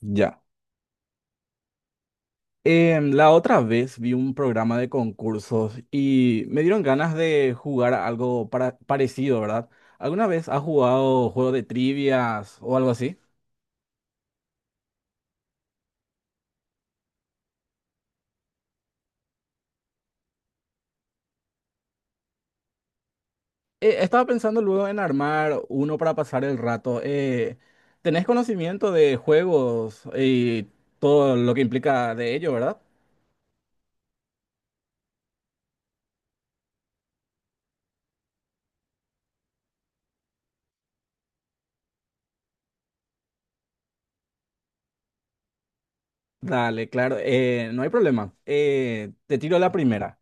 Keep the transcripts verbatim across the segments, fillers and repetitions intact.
Ya. Em, la otra vez vi un programa de concursos y me dieron ganas de jugar a algo para- parecido, ¿verdad? ¿Alguna vez has jugado juego de trivias o algo así? Eh, estaba pensando luego en armar uno para pasar el rato. Eh, ¿tenés conocimiento de juegos y todo lo que implica de ello, ¿verdad? Dale, claro, eh, no hay problema. Eh, te tiro la primera.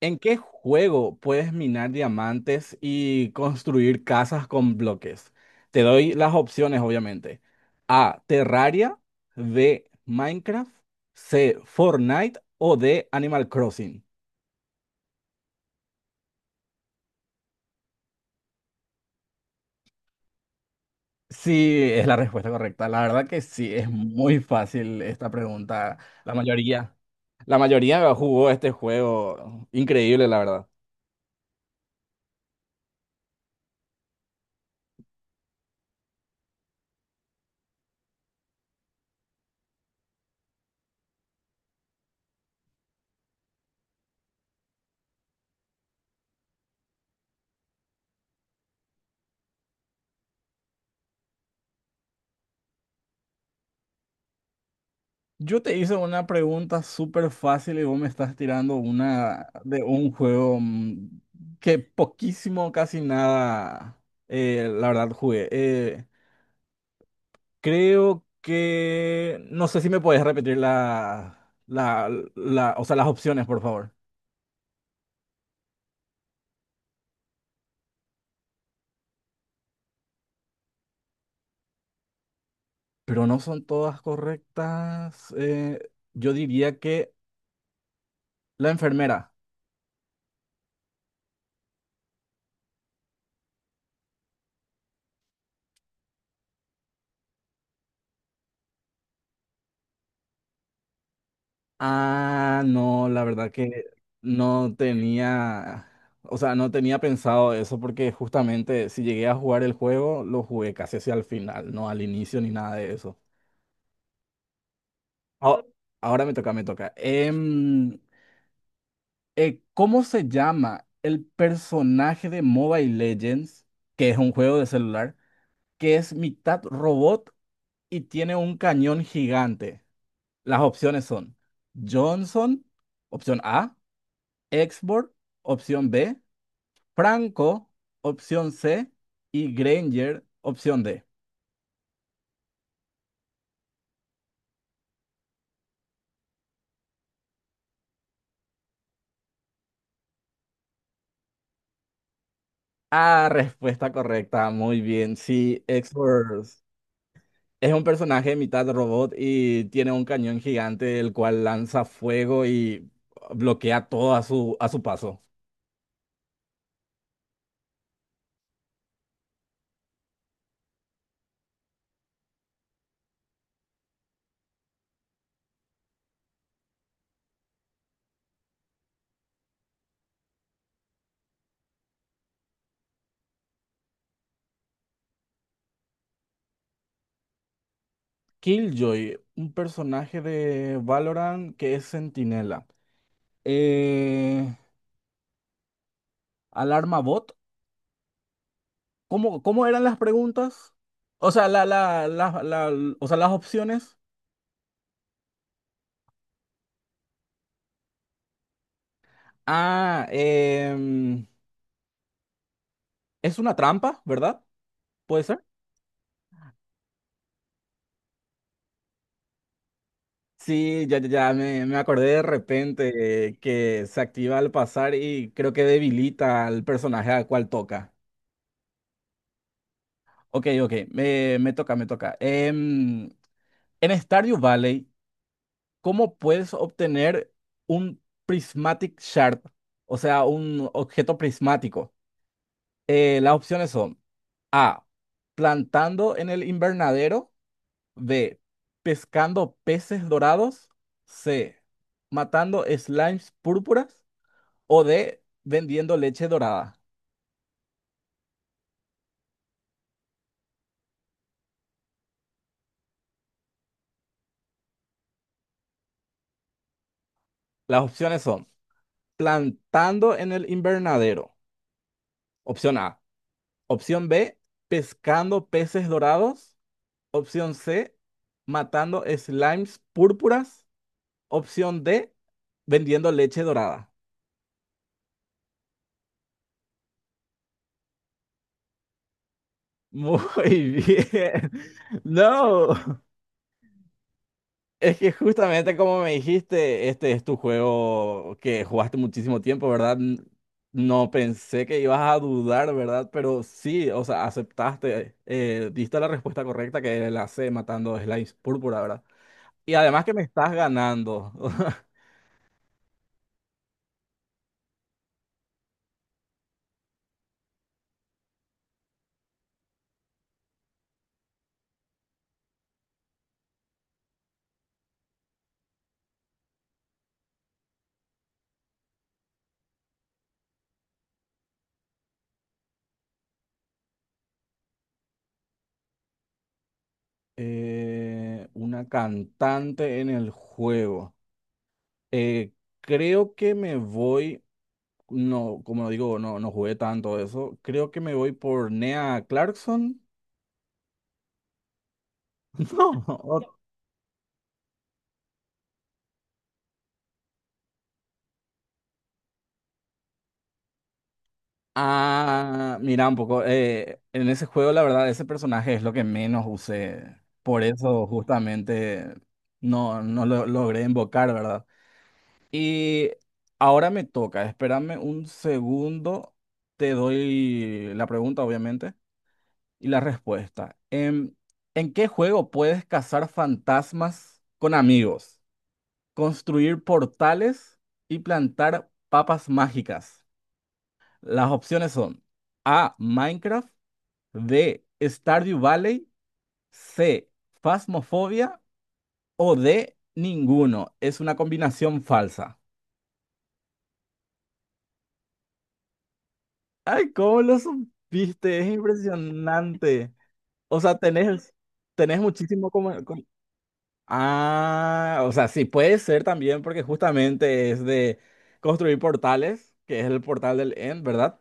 ¿En qué juego puedes minar diamantes y construir casas con bloques? Te doy las opciones, obviamente. A. Terraria. B. Minecraft. C. Fortnite. O D. Animal Crossing. Sí, es la respuesta correcta. La verdad que sí, es muy fácil esta pregunta. La mayoría. La mayoría jugó este juego. Increíble, la verdad. Yo te hice una pregunta súper fácil y vos me estás tirando una de un juego mm, que poquísimo, casi nada, eh, la verdad, jugué. Eh, creo que... No sé si me podés repetir la, la, la- o sea, las opciones, por favor. Pero no son todas correctas. Eh, yo diría que la enfermera. Ah, no, la verdad que no tenía, o sea, no tenía pensado eso porque justamente si llegué a jugar el juego, lo jugué casi hacia el final, no al inicio ni nada de eso. Ah, ahora me toca, me toca. Em, eh, ¿cómo se llama el personaje de Mobile Legends, que es un juego de celular, que es mitad robot y tiene un cañón gigante? Las opciones son Johnson, opción A. Export, opción B, Franco, opción C y Granger, opción D. Ah, respuesta correcta, muy bien. Sí, Export es un personaje mitad robot y tiene un cañón gigante el cual lanza fuego y bloquea todo a su, a su paso. Killjoy, un personaje de Valorant que es centinela. Eh, Alarma Bot. ¿Cómo, ¿cómo eran las preguntas? O sea, la, la, la- la- o sea, las opciones. Ah, em, es una trampa, ¿verdad? ¿Puede ser? Sí, ya, ya, ya me, me acordé de repente, eh, que se activa al pasar y creo que debilita al personaje al cual toca. Ok, ok, me, me toca, me toca. Em, en Stardew Valley, ¿cómo puedes obtener un prismatic shard? O sea, un objeto prismático. Eh, las opciones son... A. Plantando en el invernadero. B. Pescando peces dorados. C. Matando slimes púrpuras. O D. Vendiendo leche dorada. Las opciones son plantando en el invernadero. Opción A. Opción B. Pescando peces dorados. Opción C. Matando slimes púrpuras. Opción D. Vendiendo leche dorada. Muy bien. No. Es que justamente como me dijiste, este es tu juego que jugaste muchísimo tiempo, ¿verdad? N- No pensé que ibas a dudar, ¿verdad? Pero sí, o sea, aceptaste, eh, diste la respuesta correcta que era la C, matando a Slimes Púrpura, ¿verdad? Y además que me estás ganando. Eh, una cantante en el juego. Eh, Creo que me voy, no, como digo, no, no jugué tanto eso. Creo que me voy por Nea Clarkson. No, ah, mira, un poco. Eh, en ese juego, la verdad, ese personaje es lo que menos usé. Por eso, justamente, no, no lo logré invocar, ¿verdad? Y ahora me toca. Espérame un segundo. Te doy la pregunta, obviamente, y la respuesta. Em, ¿en qué juego puedes cazar fantasmas con amigos, construir portales y plantar papas mágicas? Las opciones son A. Minecraft. B, Stardew Valley, C, Phasmophobia o D, ninguno. Es una combinación falsa. Ay, ¿cómo lo supiste? Es impresionante. O sea, tenés, tenés muchísimo como... como- Ah, o sea, sí, puede ser también porque justamente es de construir portales, que es el portal del End, ¿verdad?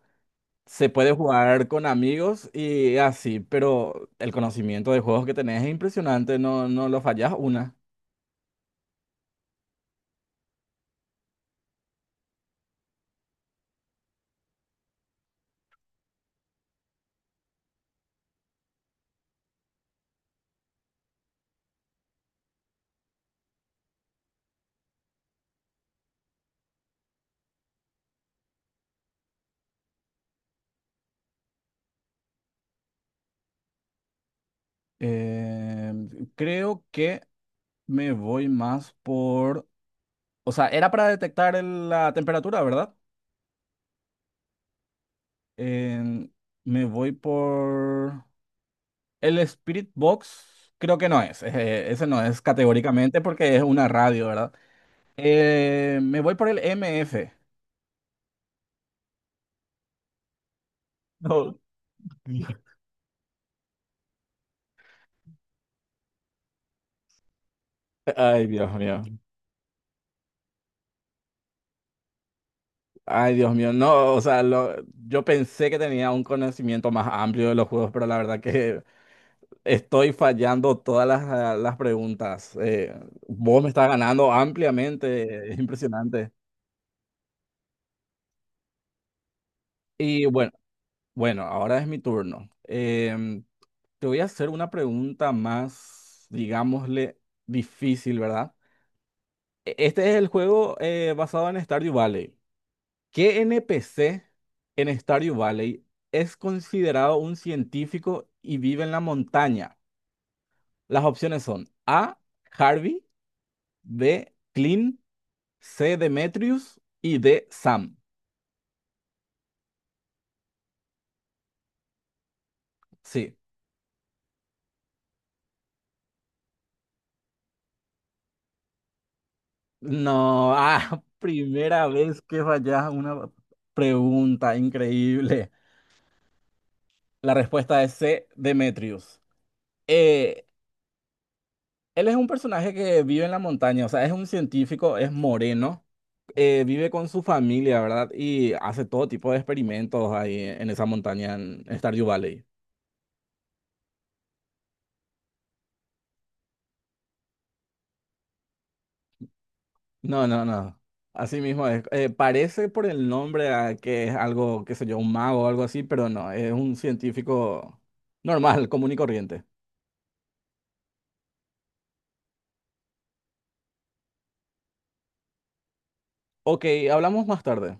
Se puede jugar con amigos y así, pero el conocimiento de juegos que tenés es impresionante, no, no lo fallás una. Eh, Creo que me voy más por... O sea, era para detectar el- la temperatura, ¿verdad? En- Me voy por... El Spirit Box creo que no es. Eh, ese no es categóricamente porque es una radio, ¿verdad? Eh, me voy por el M F. No. Ay, Dios mío. Ay, Dios mío. No, o sea, lo- yo pensé que tenía un conocimiento más amplio de los juegos, pero la verdad que estoy fallando todas las, ah, las preguntas. Eh, vos me estás ganando ampliamente, es impresionante. Y bueno, bueno, ahora es mi turno. Em, te voy a hacer una pregunta más, digámosle, difícil, ¿verdad? E- Este es el juego, eh, basado en Stardew Valley. ¿Qué N P C en Stardew Valley es considerado un científico y vive en la montaña? Las opciones son A, Harvey, B, Clint, C, Demetrius y D, Sam. Sí. No, ah, primera vez que fallas una pregunta increíble. La respuesta es C, Demetrius. Eh, Él es un personaje que vive en la montaña, o sea, es un científico, es moreno, eh, vive con su familia, ¿verdad? Y hace todo tipo de experimentos ahí en esa montaña en Stardew Valley. No, no, no. Así mismo es. Eh, parece por el nombre a que es algo, qué sé yo, un mago o algo así, pero no, es un científico normal, común y corriente. Ok, hablamos más tarde.